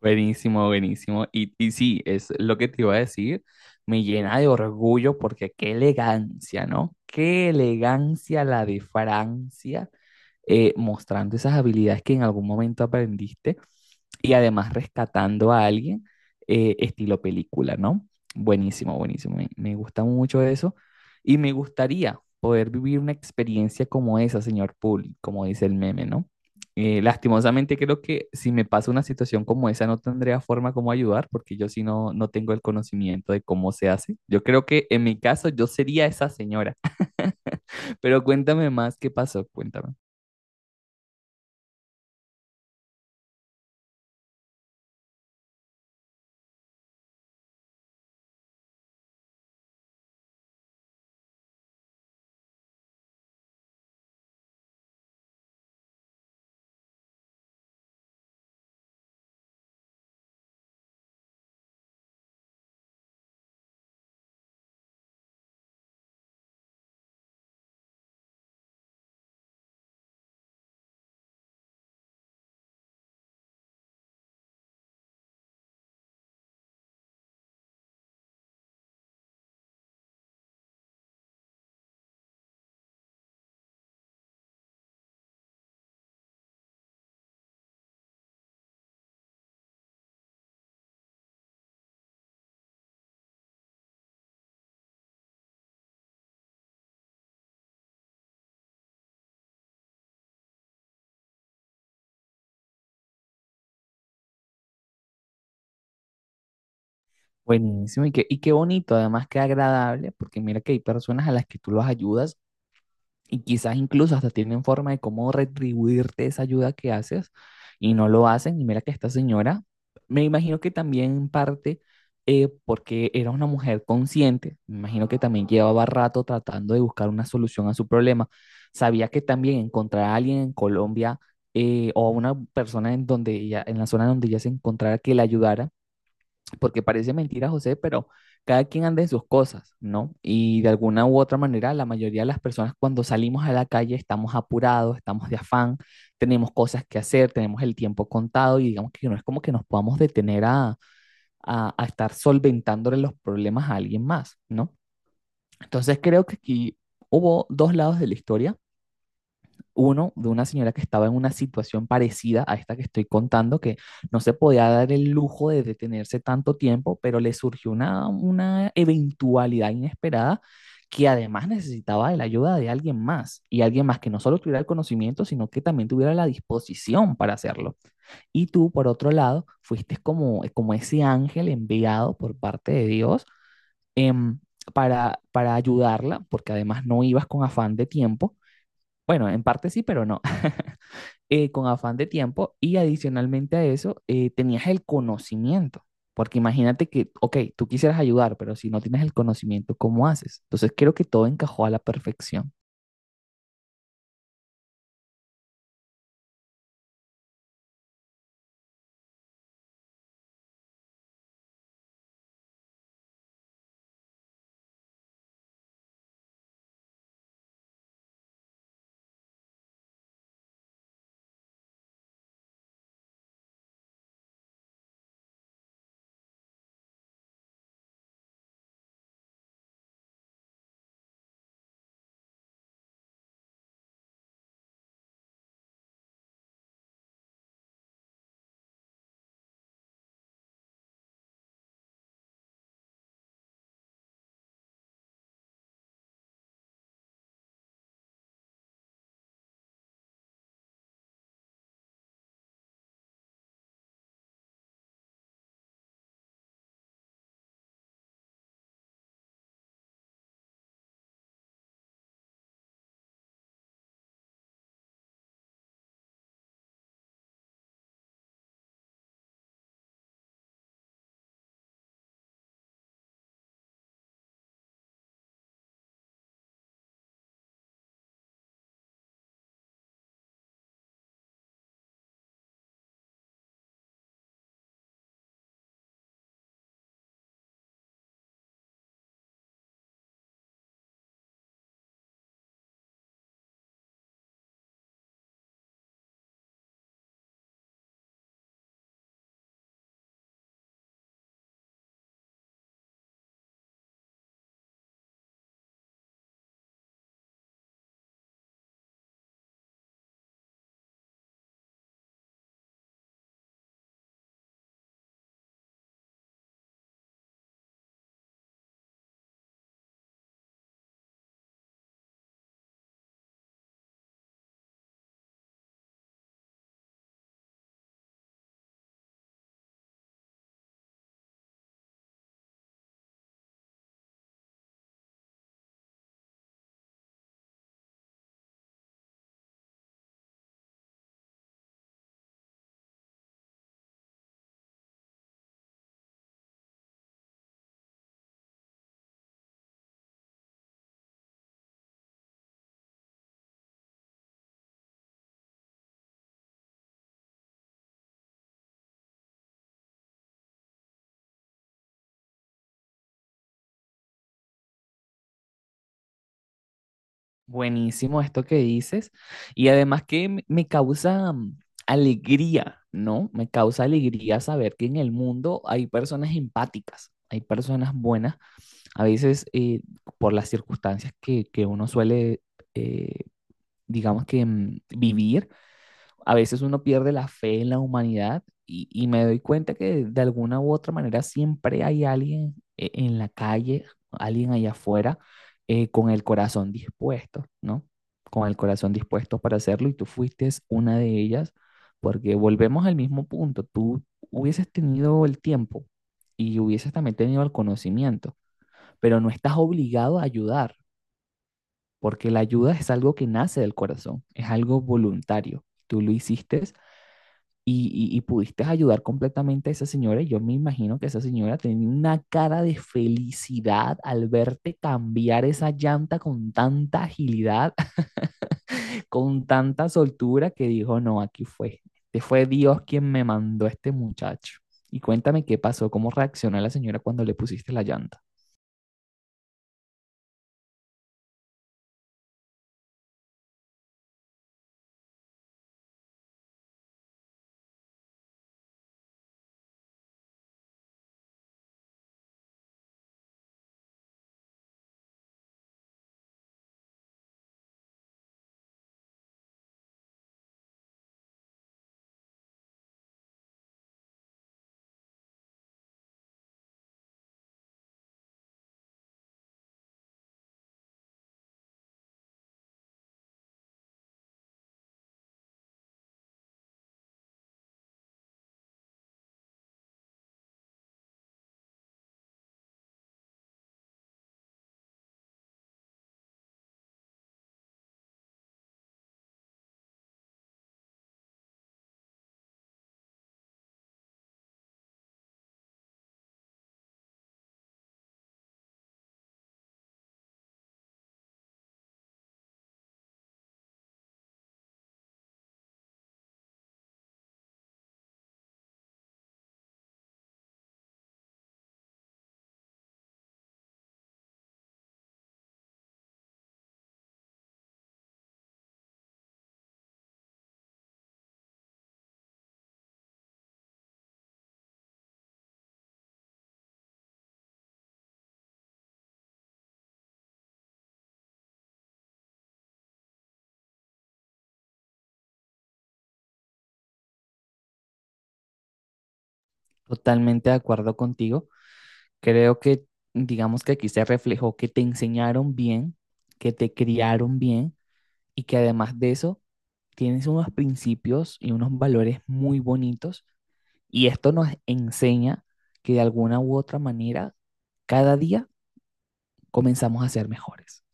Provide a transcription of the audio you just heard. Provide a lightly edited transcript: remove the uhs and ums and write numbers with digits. Buenísimo, buenísimo. Y sí, es lo que te iba a decir. Me llena de orgullo porque qué elegancia, ¿no? Qué elegancia la de Francia, mostrando esas habilidades que en algún momento aprendiste y además rescatando a alguien, estilo película, ¿no? Buenísimo, buenísimo. Me gusta mucho eso y me gustaría poder vivir una experiencia como esa, señor Poole, como dice el meme, ¿no? Lastimosamente creo que si me pasa una situación como esa no tendría forma como ayudar porque yo sí no, no tengo el conocimiento de cómo se hace. Yo creo que en mi caso yo sería esa señora, pero cuéntame más qué pasó, cuéntame. Buenísimo, y qué bonito, además qué agradable, porque mira que hay personas a las que tú los ayudas y quizás incluso hasta tienen forma de cómo retribuirte esa ayuda que haces y no lo hacen. Y mira que esta señora, me imagino que también en parte, porque era una mujer consciente, me imagino que también llevaba rato tratando de buscar una solución a su problema. Sabía que también encontrar a alguien en Colombia, o a una persona en donde ella, en la zona donde ella se encontrara que la ayudara, porque parece mentira, José, pero cada quien anda en sus cosas, ¿no? Y de alguna u otra manera, la mayoría de las personas cuando salimos a la calle estamos apurados, estamos de afán, tenemos cosas que hacer, tenemos el tiempo contado y digamos que no es como que nos podamos detener a estar solventándole los problemas a alguien más, ¿no? Entonces creo que aquí hubo dos lados de la historia, uno de una señora que estaba en una situación parecida a esta que estoy contando, que no se podía dar el lujo de detenerse tanto tiempo, pero le surgió una eventualidad inesperada que además necesitaba de la ayuda de alguien más, y alguien más que no solo tuviera el conocimiento, sino que también tuviera la disposición para hacerlo. Y tú, por otro lado, fuiste como, como ese ángel enviado por parte de Dios, em, para ayudarla, porque además no ibas con afán de tiempo. Bueno, en parte sí, pero no, con afán de tiempo y adicionalmente a eso, tenías el conocimiento, porque imagínate que, ok, tú quisieras ayudar, pero si no tienes el conocimiento, ¿cómo haces? Entonces creo que todo encajó a la perfección. Buenísimo esto que dices. Y además que me causa alegría, ¿no? Me causa alegría saber que en el mundo hay personas empáticas, hay personas buenas. A veces, por las circunstancias que uno suele, eh, digamos que vivir, a veces uno pierde la fe en la humanidad y me doy cuenta que de alguna u otra manera siempre hay alguien, en la calle, alguien allá afuera, con el corazón dispuesto, ¿no? Con el corazón dispuesto para hacerlo y tú fuiste una de ellas, porque volvemos al mismo punto, tú hubieses tenido el tiempo y hubieses también tenido el conocimiento, pero no estás obligado a ayudar, porque la ayuda es algo que nace del corazón, es algo voluntario. Tú lo hiciste y pudiste ayudar completamente a esa señora. Y yo me imagino que esa señora tenía una cara de felicidad al verte cambiar esa llanta con tanta agilidad, con tanta soltura, que dijo, no, aquí fue. Este fue Dios quien me mandó a este muchacho. Y cuéntame qué pasó, cómo reaccionó la señora cuando le pusiste la llanta. Totalmente de acuerdo contigo. Creo que, digamos que aquí se reflejó que te enseñaron bien, que te criaron bien y que además de eso tienes unos principios y unos valores muy bonitos y esto nos enseña que de alguna u otra manera cada día comenzamos a ser mejores.